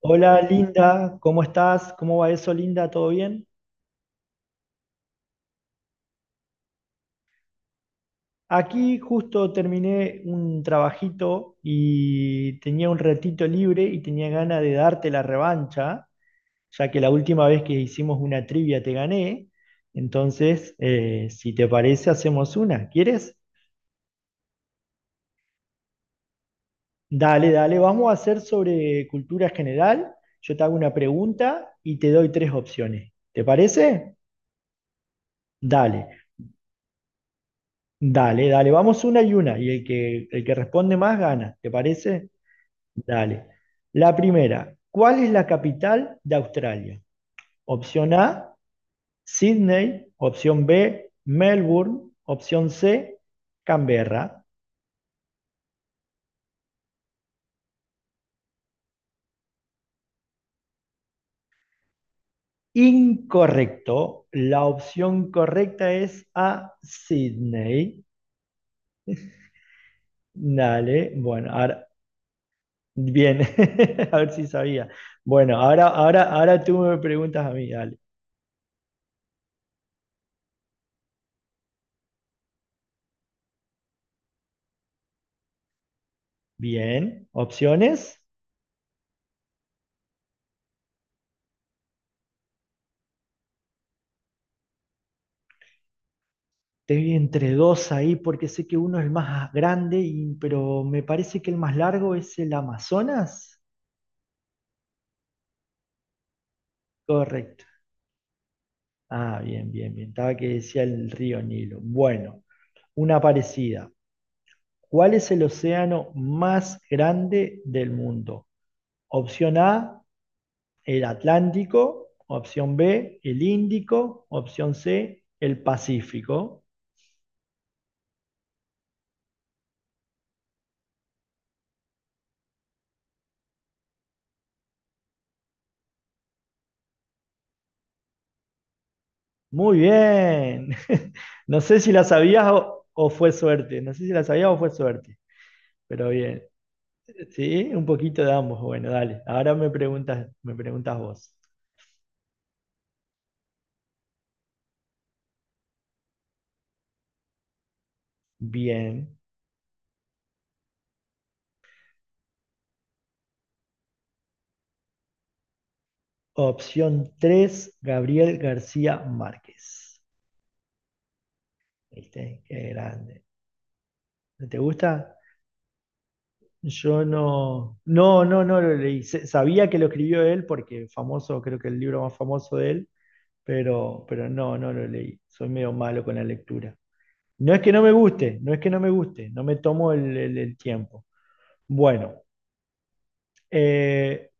Hola Linda, ¿cómo estás? ¿Cómo va eso, Linda? ¿Todo bien? Aquí justo terminé un trabajito y tenía un ratito libre y tenía ganas de darte la revancha, ya que la última vez que hicimos una trivia te gané. Entonces, si te parece, hacemos una. ¿Quieres? Dale, dale, vamos a hacer sobre cultura general. Yo te hago una pregunta y te doy tres opciones. ¿Te parece? Dale. Dale, dale, vamos una, y el que responde más gana, ¿te parece? Dale. La primera, ¿cuál es la capital de Australia? Opción A, Sydney, opción B, Melbourne, opción C, Canberra. Incorrecto, la opción correcta es A, Sydney. Dale, bueno, ahora, bien, a ver si sabía. Bueno, ahora tú me preguntas a mí, dale. Bien, opciones. Te vi entre dos ahí porque sé que uno es el más grande, y- pero me parece que el más largo es el Amazonas. Correcto. Ah, bien, bien, bien. Estaba que decía el río Nilo. Bueno, una parecida. ¿Cuál es el océano más grande del mundo? Opción A, el Atlántico. Opción B, el Índico. Opción C, el Pacífico. Muy bien. No sé si la sabías o fue suerte. No sé si la sabías o fue suerte. Pero bien, sí, un poquito de ambos. Bueno, dale. Ahora me preguntas vos. Bien. Opción tres Gabriel García Márquez. ¿Viste? Qué grande. ¿No ¿Te gusta? Yo no, no, no, no lo leí. Se- Sabía que lo escribió él porque famoso, creo que el libro más famoso de él, pero no, no lo leí. Soy medio malo con la lectura. No es que no me guste, no es que no me guste, no me tomo el tiempo. Bueno, eh,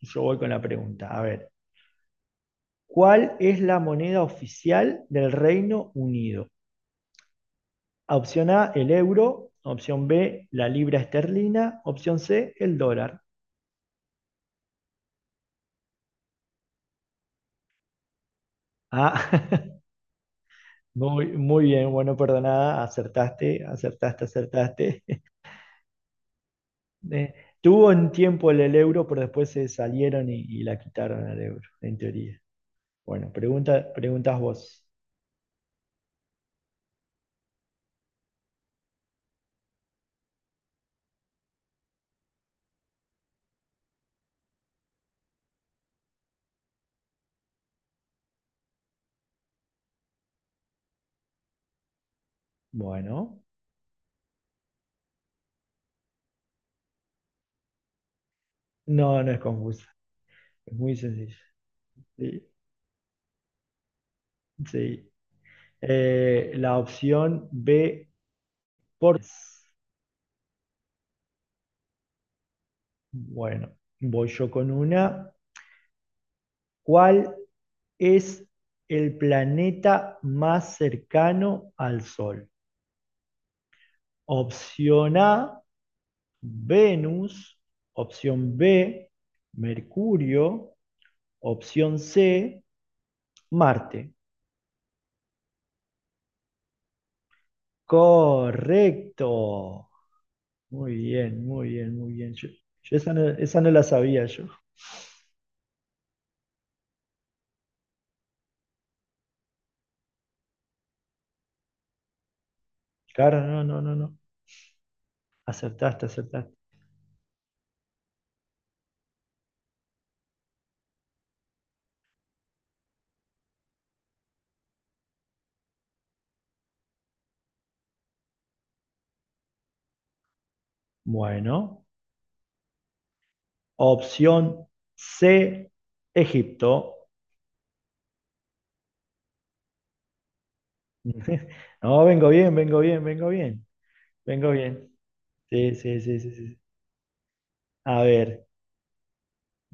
yo voy con la pregunta. A ver, ¿cuál es la moneda oficial del Reino Unido? Opción A, el euro. Opción B, la libra esterlina. Opción C, el dólar. Ah, muy, muy bien, bueno, perdonada, acertaste, acertaste, acertaste. Eh, tuvo un tiempo el euro, pero después se salieron y la quitaron al euro, en teoría. Bueno, pregunta, preguntas vos. Bueno, no, no es confusa, es muy sencillo. Sí, sí. La opción B, por Bueno, voy yo con una. ¿Cuál es el planeta más cercano al Sol? Opción A, Venus. Opción B, Mercurio. Opción C, Marte. Correcto. Muy bien, muy bien, muy bien. Yo esa no la sabía yo. Claro, no, no, no, no. Acertaste, acertaste. Bueno, opción C, Egipto. No, vengo bien, vengo bien, vengo bien, vengo bien. Sí, sí, sí, sí, sí. A ver,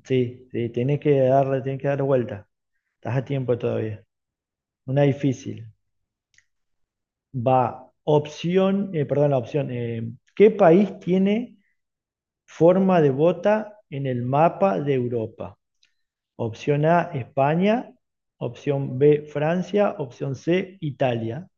sí, sí, tienes que darle, tienes que dar vuelta. Estás a tiempo todavía. Una difícil. Va, opción, perdón, la opción. ¿Qué país tiene forma de bota en el mapa de Europa? Opción A, España. Opción B, Francia. Opción C, Italia.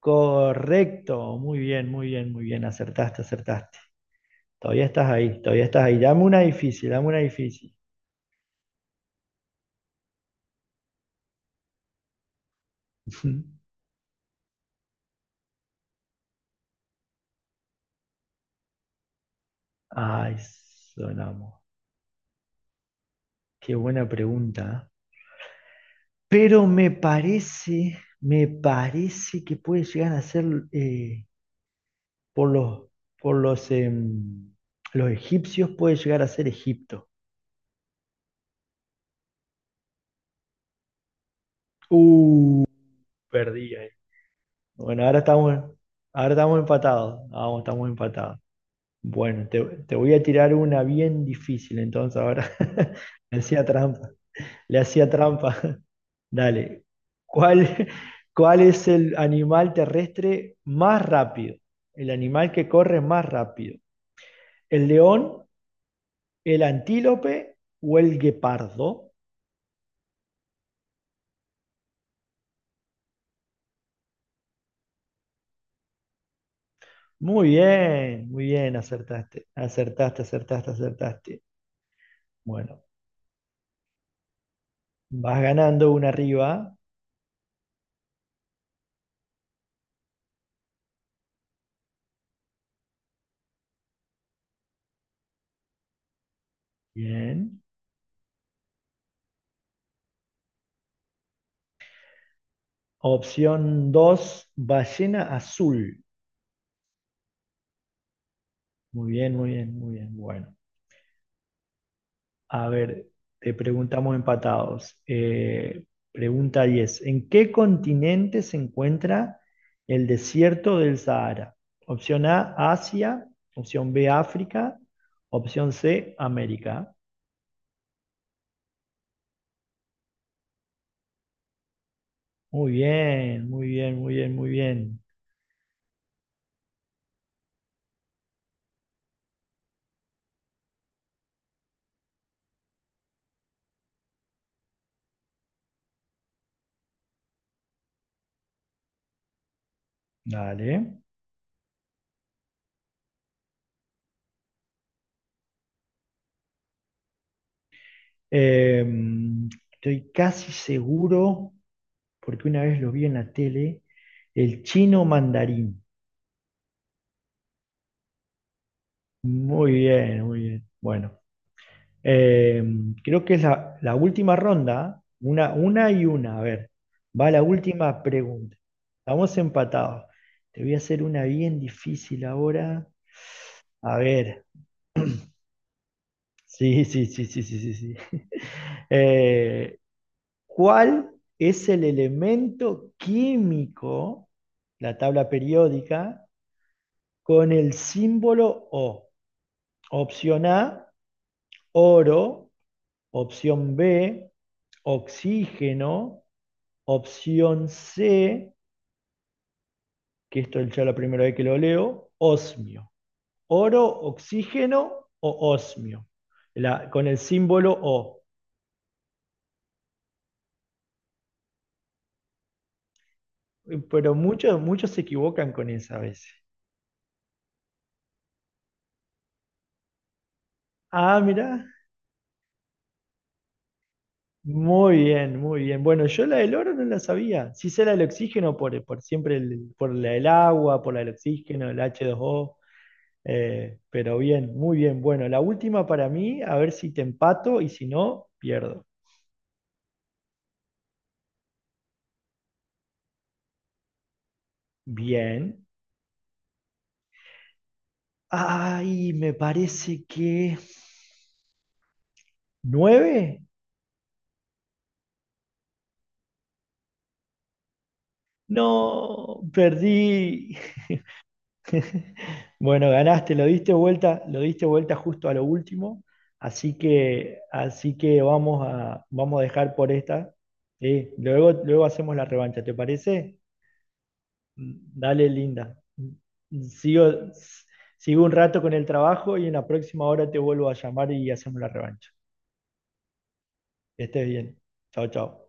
Correcto, muy bien, muy bien, muy bien, acertaste, acertaste. Todavía estás ahí, todavía estás ahí. Dame una difícil, dame una difícil. Ay, sonamos. Qué buena pregunta. ¿Eh? Pero me parece que puede llegar a ser eh, por los, por los los egipcios, puede llegar a ser Egipto. Uh, perdí ahí. Bueno, ahora estamos empatados. Vamos, estamos empatados. Bueno, te voy a tirar una bien difícil, entonces ahora le hacía trampa, le hacía trampa. Dale, ¿cuál, cuál es el animal terrestre más rápido? El animal que corre más rápido. ¿El león, el antílope o el guepardo? Muy bien, acertaste, acertaste, acertaste, acertaste. Bueno, vas ganando una arriba. Bien. Opción 2, ballena azul. Muy bien, muy bien, muy bien. Bueno, a ver, te preguntamos empatados. Pregunta 10. ¿En qué continente se encuentra el desierto del Sahara? Opción A, Asia. Opción B, África. Opción C, América. Muy bien, muy bien, muy bien, muy bien. Dale. Eh, estoy casi seguro, porque una vez lo vi en la tele, el chino mandarín. Muy bien, muy bien. Bueno, Eh, creo que es la, la última ronda, una y una. A ver, va la última pregunta. Estamos empatados. Te voy a hacer una bien difícil ahora. A ver, sí, sí, sí, sí, sí, sí. sí. Eh, ¿Cuál es el elemento químico, la tabla periódica, con el símbolo O? Opción A, oro. Opción B, oxígeno. Opción C, que esto es ya la primera vez que lo leo, osmio. Oro, oxígeno o osmio. La- con el símbolo O. Pero muchos, muchos se equivocan con esa a veces. Ah, mira. Muy bien, muy bien. Bueno, yo la del oro no la sabía. Sí sé la del oxígeno por siempre, por la del agua, por la del oxígeno, el H2O. Pero bien, muy bien. Bueno, la última para mí, a ver si te empato y si no, pierdo. Bien. Ay, me parece que ¿nueve? No, perdí. Bueno, ganaste, lo diste vuelta justo a lo último, así que vamos a, vamos a dejar por esta. Sí, luego, luego hacemos la revancha, ¿te parece? Dale, linda. Sigo, sigo un rato con el trabajo y en la próxima hora te vuelvo a llamar y hacemos la revancha. Que estés bien. Chao, chao.